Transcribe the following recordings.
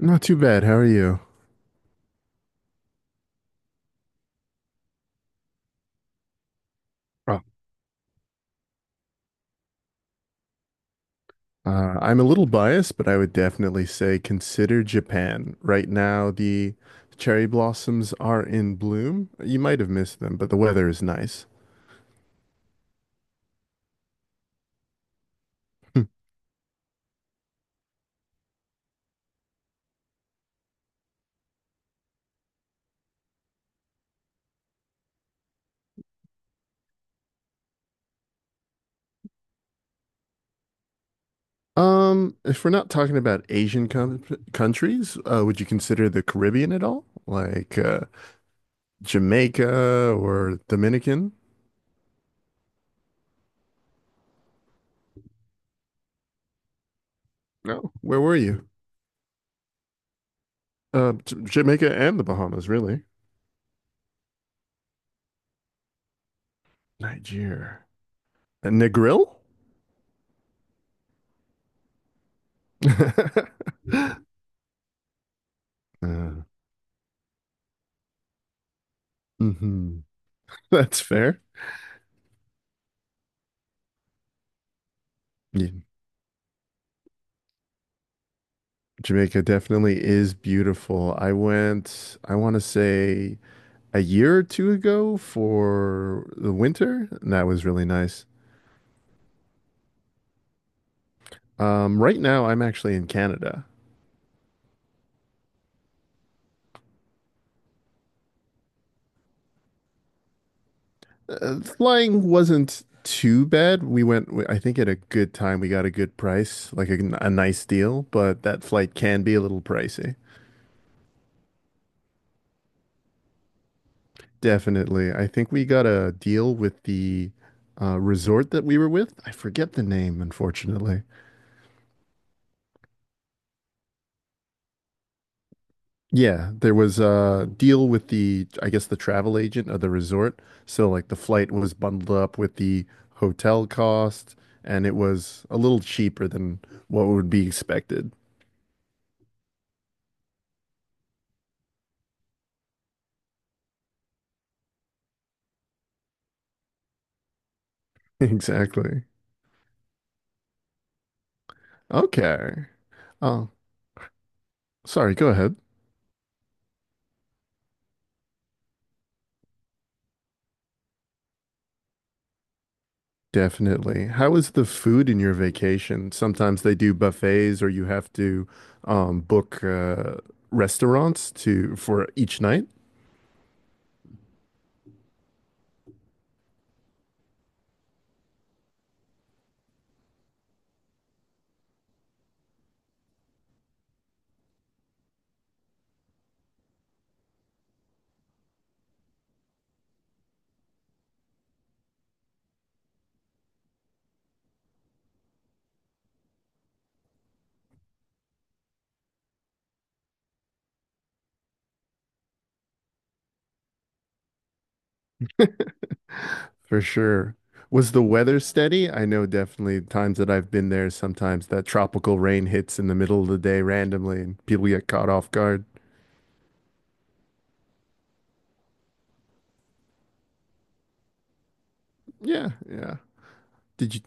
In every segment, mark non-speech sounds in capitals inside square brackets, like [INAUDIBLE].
Not too bad. How are you? Oh, I'm a little biased, but I would definitely say consider Japan. Right now, the cherry blossoms are in bloom. You might have missed them, but the weather is nice. [LAUGHS] If we're not talking about Asian com countries, would you consider the Caribbean at all? Like Jamaica or Dominican? No, where were you? Jamaica and the Bahamas, really. Nigeria. And Negril? [LAUGHS] Uh, hmm [LAUGHS] That's fair. Yeah. Jamaica definitely is beautiful. I want to say a year or two ago for the winter, and that was really nice. Right now, I'm actually in Canada. Flying wasn't too bad. We went, I think, at a good time. We got a good price, like a nice deal, but that flight can be a little pricey. Definitely. I think we got a deal with the resort that we were with. I forget the name, unfortunately. Yeah, there was a deal with the, I guess, the travel agent of the resort. So, like, the flight was bundled up with the hotel cost, and it was a little cheaper than what would be expected. [LAUGHS] Exactly. Okay. Oh, sorry, go ahead. Definitely. How is the food in your vacation? Sometimes they do buffets, or you have to book restaurants to for each night. For sure. Was the weather steady? I know definitely times that I've been there, sometimes that tropical rain hits in the middle of the day randomly and people get caught off guard. Yeah, yeah. Did you,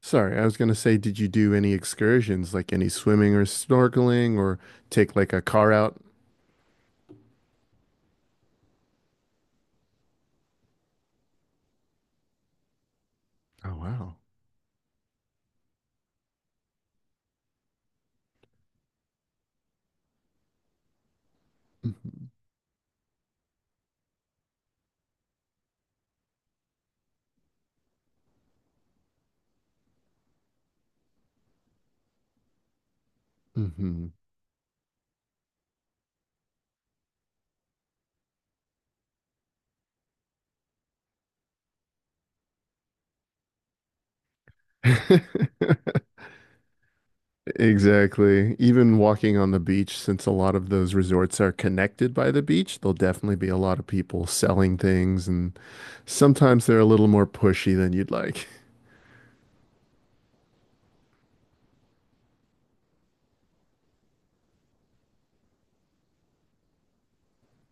sorry, I was gonna say, did you do any excursions, like any swimming or snorkeling or take like a car out? Oh, wow. Mm-hmm. [LAUGHS] Exactly. Even walking on the beach, since a lot of those resorts are connected by the beach, there'll definitely be a lot of people selling things, and sometimes they're a little more pushy than you'd like.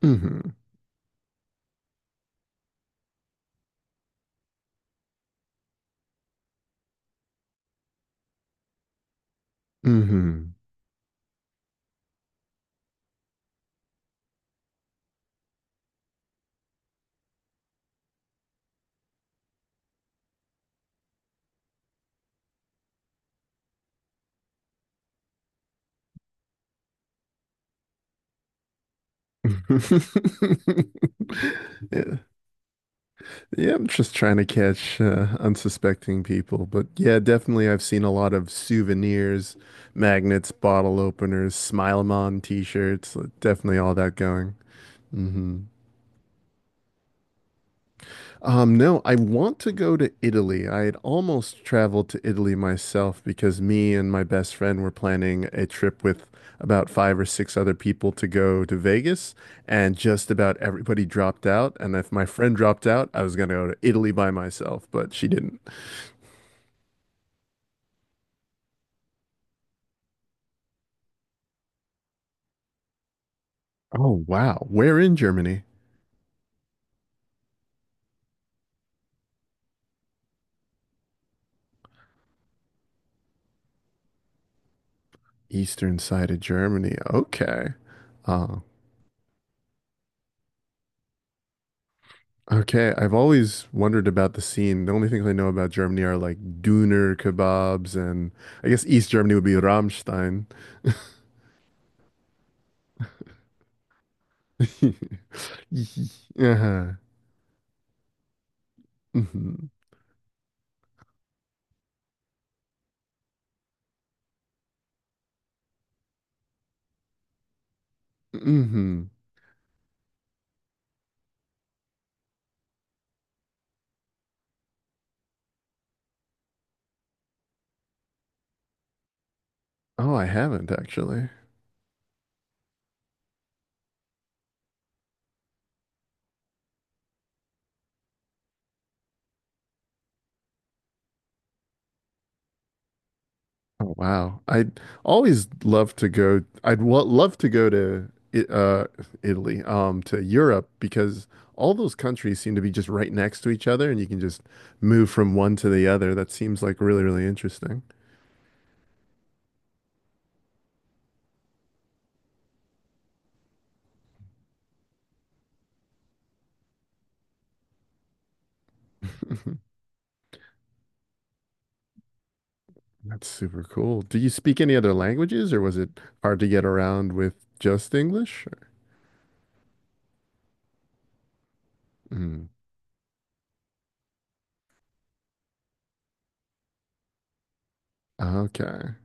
Hmm. Hmm. [LAUGHS] Yeah. Yeah, I'm just trying to catch unsuspecting people, but yeah, definitely I've seen a lot of souvenirs, magnets, bottle openers, Smile 'em on t-shirts, like, definitely all that going. Hmm. No, I want to go to Italy. I had almost traveled to Italy myself because me and my best friend were planning a trip with about five or six other people to go to Vegas, and just about everybody dropped out. And if my friend dropped out, I was going to go to Italy by myself, but she didn't. Oh, wow. Where in Germany? Eastern side of Germany. Okay. Uh, Okay, I've always wondered about the scene. The only things I know about Germany are like Döner kebabs, and I guess East Germany would be Rammstein. [LAUGHS] Yeah. Hmm. Hmm. Oh, I haven't actually. Oh, wow. I'd always love to go. I'd wa- love to go to I- uh, Italy, to Europe because all those countries seem to be just right next to each other, and you can just move from one to the other. That seems like really, really interesting. [LAUGHS] That's super cool. Do you speak any other languages, or was it hard to get around with just English? Mm, okay.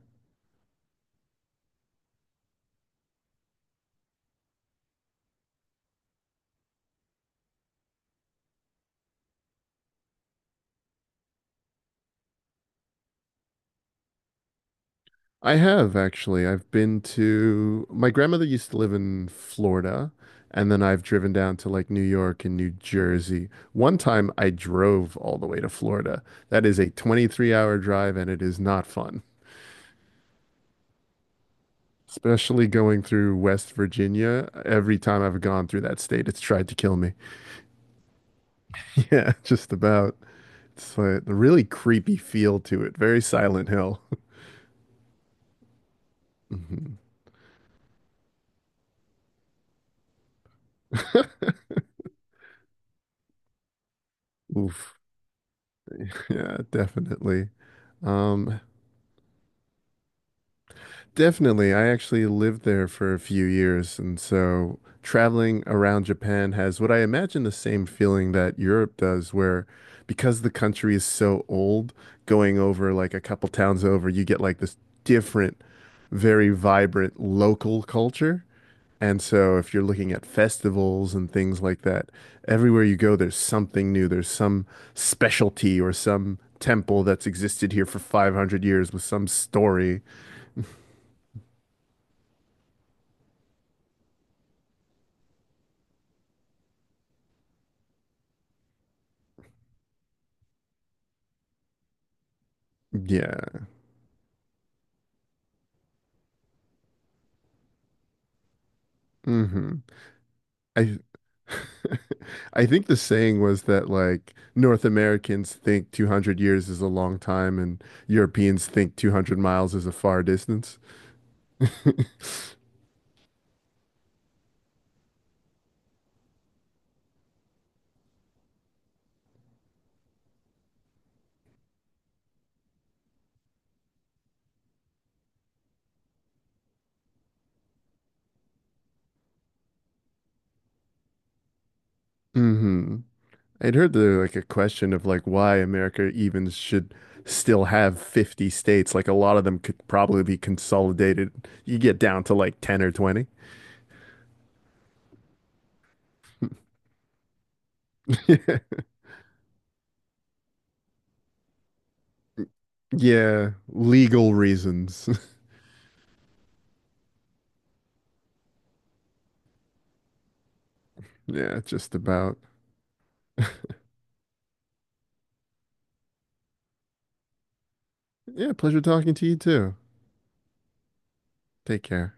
I have actually. I've been to my grandmother used to live in Florida, and then I've driven down to like New York and New Jersey. One time I drove all the way to Florida. That is a 23-hour hour drive, and it is not fun. Especially going through West Virginia. Every time I've gone through that state, it's tried to kill me. [LAUGHS] Yeah, just about. It's a really creepy feel to it. Very Silent Hill. [LAUGHS] Oof. Yeah, definitely. Um, Definitely. I actually lived there for a few years, and so traveling around Japan has what I imagine the same feeling that Europe does, where because the country is so old, going over like a couple towns over, you get like this different, very vibrant local culture. And so if you're looking at festivals and things like that, everywhere you go, there's something new. There's some specialty or some temple that's existed here for 500 years with some story. Yeah. Hmm. I [LAUGHS] I think the saying was that like North Americans think 200 years is a long time and Europeans think 200 miles is a far distance. [LAUGHS] Hmm. I'd heard there like a question of like why America even should still have 50 states. Like a lot of them could probably be consolidated. You get down to like 10 or 20. [LAUGHS] Yeah, legal reasons. [LAUGHS] Yeah, just about. Yeah, pleasure talking to you too. Take care.